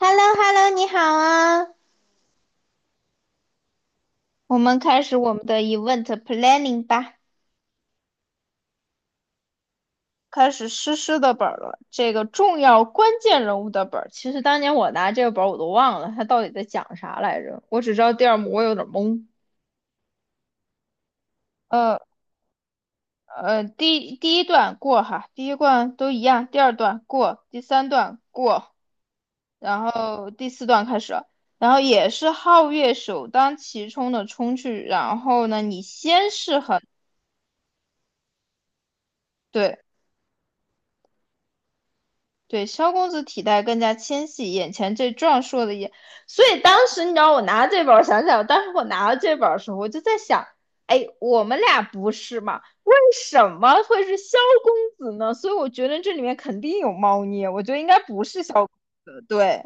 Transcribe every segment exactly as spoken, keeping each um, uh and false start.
h e l l o h e l l o 你好啊！我们开始我们的 event planning 吧，开始诗诗的本儿了。这个重要关键人物的本儿，其实当年我拿这个本儿我都忘了，它到底在讲啥来着？我只知道第二幕我有点懵。呃呃，第第一段过哈，第一段都一样，第二段过，第三段过，然后第四段开始。然后也是皓月首当其冲的冲去，然后呢，你先是很对，对，萧公子体态更加纤细，眼前这壮硕的眼，所以当时你知道我拿这本儿，想起来，当时我拿到这本儿的时候，我就在想，哎，我们俩不是嘛？为什么会是萧公子呢？所以我觉得这里面肯定有猫腻，我觉得应该不是萧公子。对，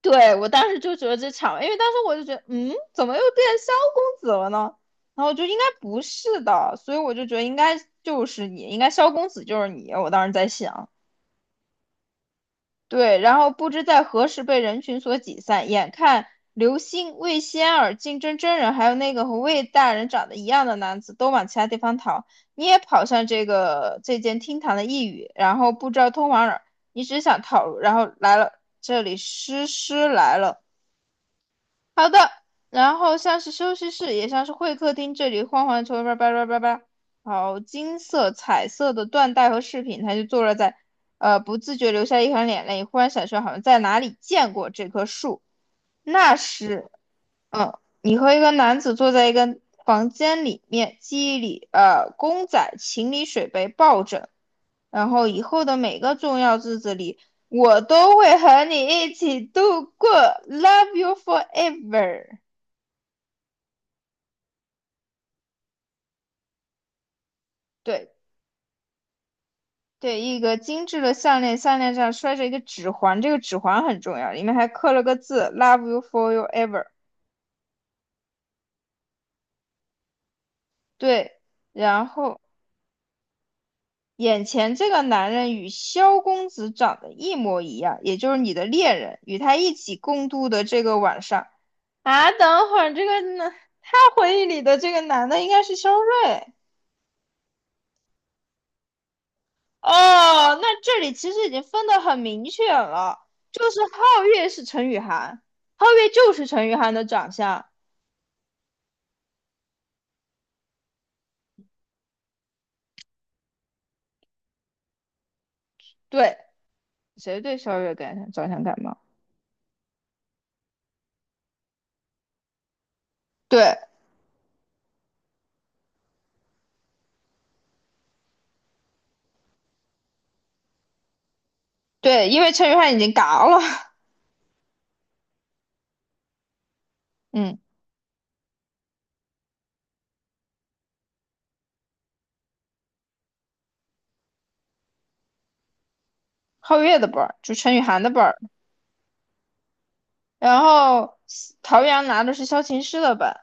对，我当时就觉得这场，因为当时我就觉得，嗯，怎么又变萧公子了呢？然后我就应该不是的，所以我就觉得应该就是你，应该萧公子就是你，我当时在想。对，然后不知在何时被人群所挤散，眼看刘星、魏仙儿、竞争真人，还有那个和魏大人长得一样的男子都往其他地方逃，你也跑向这个这间厅堂的一隅，然后不知道通往哪儿，你只想逃，然后来了这里，诗诗来了，好的，然后像是休息室，也像是会客厅，这里晃晃，球，叭叭叭叭叭。好，金色、彩色的缎带和饰品，他就坐落在，呃，不自觉流下一行眼泪，忽然想说，好像在哪里见过这棵树。那时，嗯，你和一个男子坐在一个房间里面，记忆里，呃，公仔、情侣水杯、抱枕，然后以后的每个重要日子里，我都会和你一起度过，Love you forever。对对，一个精致的项链，项链上拴着一个指环，这个指环很重要，里面还刻了个字，Love you for you ever。对，然后眼前这个男人与萧公子长得一模一样，也就是你的恋人，与他一起共度的这个晚上啊，等会儿这个男，他回忆里的这个男的应该是肖瑞。哦，那这里其实已经分得很明确了，就是皓月是陈雨涵，皓月就是陈雨涵的长相。对，谁对萧月感想着想感冒？对对，因为陈雨涵已经嘎了，嗯，皓月的本儿就陈雨涵的本儿，然后陶阳拿的是萧琴师的本，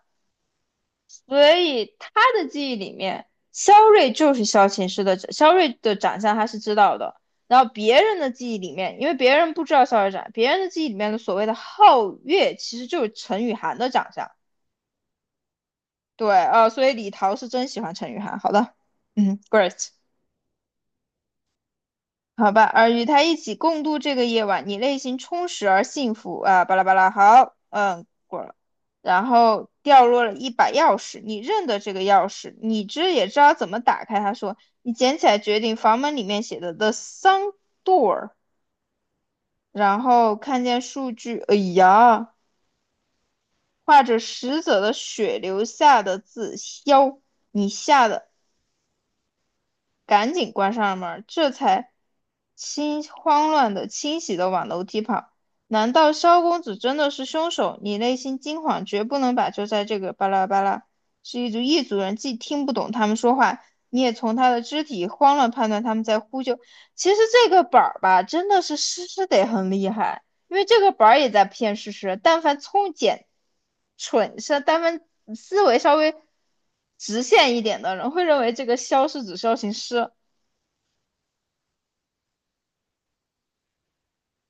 所以他的记忆里面，萧睿就是萧琴师的，萧睿的长相他是知道的。然后别人的记忆里面，因为别人不知道萧月长，别人的记忆里面的所谓的皓月，其实就是陈雨涵的长相。对，呃，所以李桃是真喜欢陈雨涵。好的，嗯，great。好吧，而与他一起共度这个夜晚，你内心充实而幸福啊，巴拉巴拉。好，嗯，然后掉落了一把钥匙，你认得这个钥匙，你知也知道怎么打开。他说，你捡起来，决定房门里面写的 The Sun Door,然后看见数据，哎呀，画着死者的血留下的字消，你吓得赶紧关上门儿，这才清慌乱的、清洗的往楼梯跑。难道萧公子真的是凶手？你内心惊慌，绝不能把就在这个巴拉巴拉，是一组一组人，既听不懂他们说话，你也从他的肢体慌乱判断他们在呼救。其实这个本儿吧，真的是诗诗得很厉害。因为这个本儿也在骗事实，但凡聪简、蠢是，但凡思维稍微直线一点的人，会认为这个肖是指肖行师，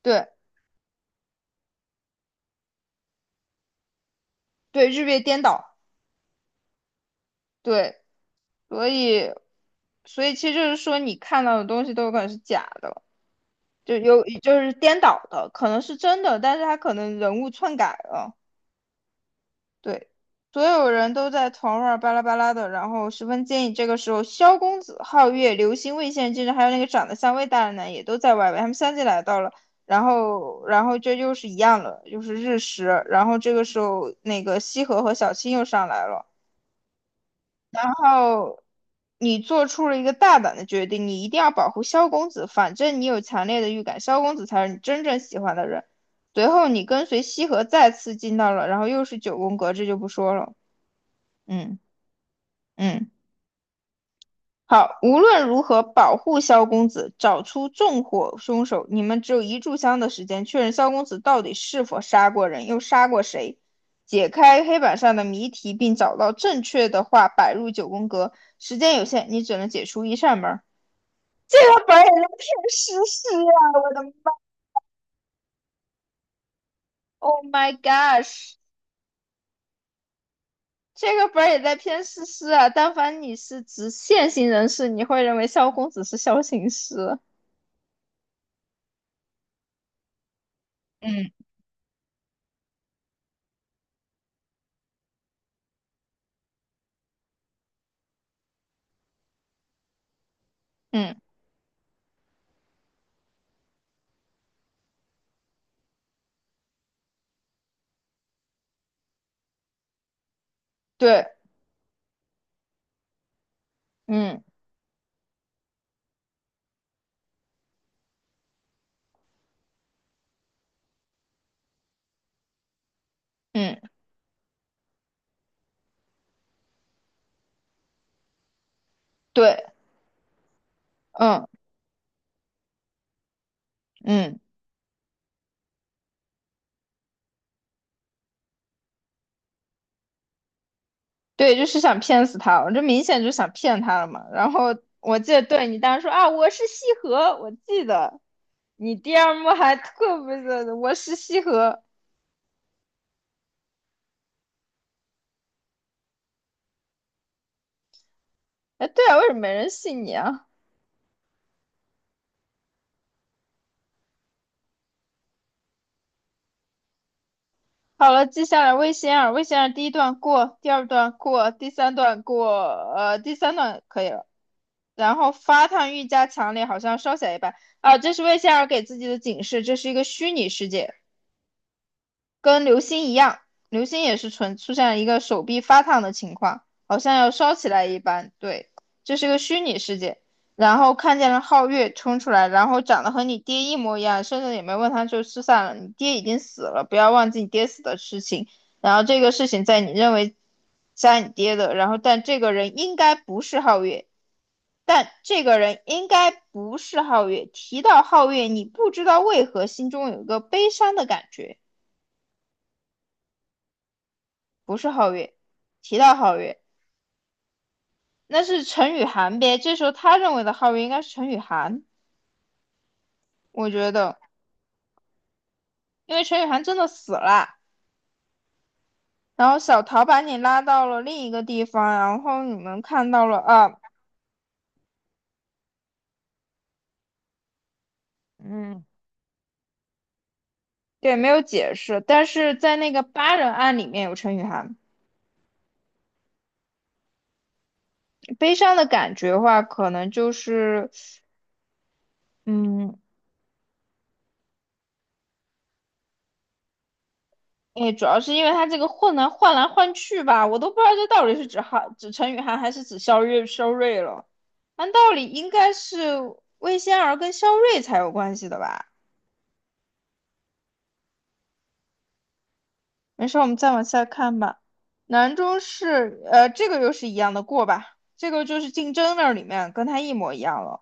对对，日月颠倒，对，所以所以其实就是说，你看到的东西都有可能是假的，就有就是颠倒的，可能是真的，但是他可能人物篡改了。对，所有人都在团儿啊巴拉巴拉的，然后十分建议这个时候，萧公子、皓月、流星、魏县先生，还有那个长得像魏大人的，也都在外围。他们相继来到了，然后，然后这又是一样了，又是日食。然后这个时候，那个西河和小青又上来了。然后你做出了一个大胆的决定，你一定要保护萧公子，反正你有强烈的预感，萧公子才是你真正喜欢的人。随后，你跟随西河再次进到了，然后又是九宫格，这就不说了，嗯。嗯，好，无论如何保护萧公子，找出纵火凶手。你们只有一炷香的时间，确认萧公子到底是否杀过人，又杀过谁，解开黑板上的谜题，并找到正确的话摆入九宫格。时间有限，你只能解除一扇门。这个本儿也在骗诗诗啊！我的妈！Oh my gosh!这个本儿也在骗诗诗啊！但凡你是直线性人士，你会认为萧公子是萧行师。嗯嗯，对，嗯。嗯，对，嗯嗯，对，就是想骗死他，我这明显就想骗他了嘛。然后我记得，对你当时说啊，我是西河，我记得你第二幕还特别的我是西河。哎，对啊，为什么没人信你啊？好了，接下来，魏仙儿，魏仙儿第一段过，第二段过，第三段过，呃，第三段可以了。然后发烫愈加强烈，好像烧起来一般。啊，这是魏仙儿给自己的警示，这是一个虚拟世界。跟流星一样，流星也是纯出现了一个手臂发烫的情况，好像要烧起来一般。对，这是个虚拟世界。然后看见了皓月冲出来，然后长得和你爹一模一样，甚至也没问他就失散了。你爹已经死了，不要忘记你爹死的事情。然后这个事情在你认为杀你爹的，然后但这个人应该不是皓月，但这个人应该不是皓月。提到皓月，你不知道为何心中有一个悲伤的感觉。不是皓月，提到皓月，那是陈雨涵呗。这时候他认为的皓月应该是陈雨涵，我觉得，因为陈雨涵真的死了，然后小桃把你拉到了另一个地方，然后你们看到了啊，嗯，对，没有解释，但是在那个八人案里面有陈雨涵，悲伤的感觉的话，可能就是，嗯，哎，主要是因为他这个换来换来换去吧，我都不知道这到底是指韩指陈雨涵还是指肖瑞肖瑞了。按道理应该是魏仙儿跟肖瑞才有关系的吧？没事，我们再往下看吧。南中是，呃，这个又是一样的过吧？这个就是竞争那里面跟他一模一样了。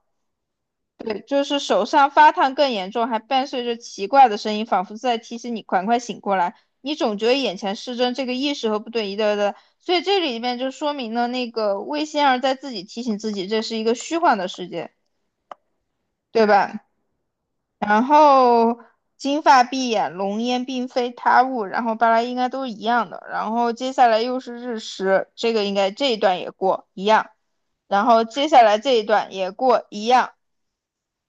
对，就是手上发烫更严重，还伴随着奇怪的声音，仿佛在提醒你赶快醒过来。你总觉得眼前失真，这个意识和不对一的对。所以这里面就说明了那个魏仙儿在自己提醒自己，这是一个虚幻的世界，对吧？然后金发碧眼，浓烟并非他物，然后巴拉应该都是一样的。然后接下来又是日食，这个应该这一段也过一样，然后接下来这一段也过一样。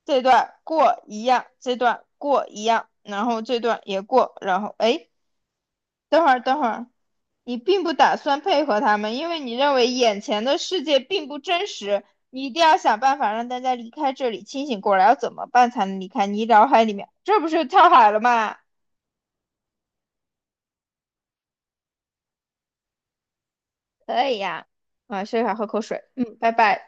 这段过一样，这段过一样，然后这段也过，然后哎，等会儿等会儿，你并不打算配合他们，因为你认为眼前的世界并不真实，你一定要想办法让大家离开这里，清醒过来。要怎么办才能离开你脑海里面？这不是跳海了吗？可以呀、啊，睡一会儿喝口水，嗯，拜拜。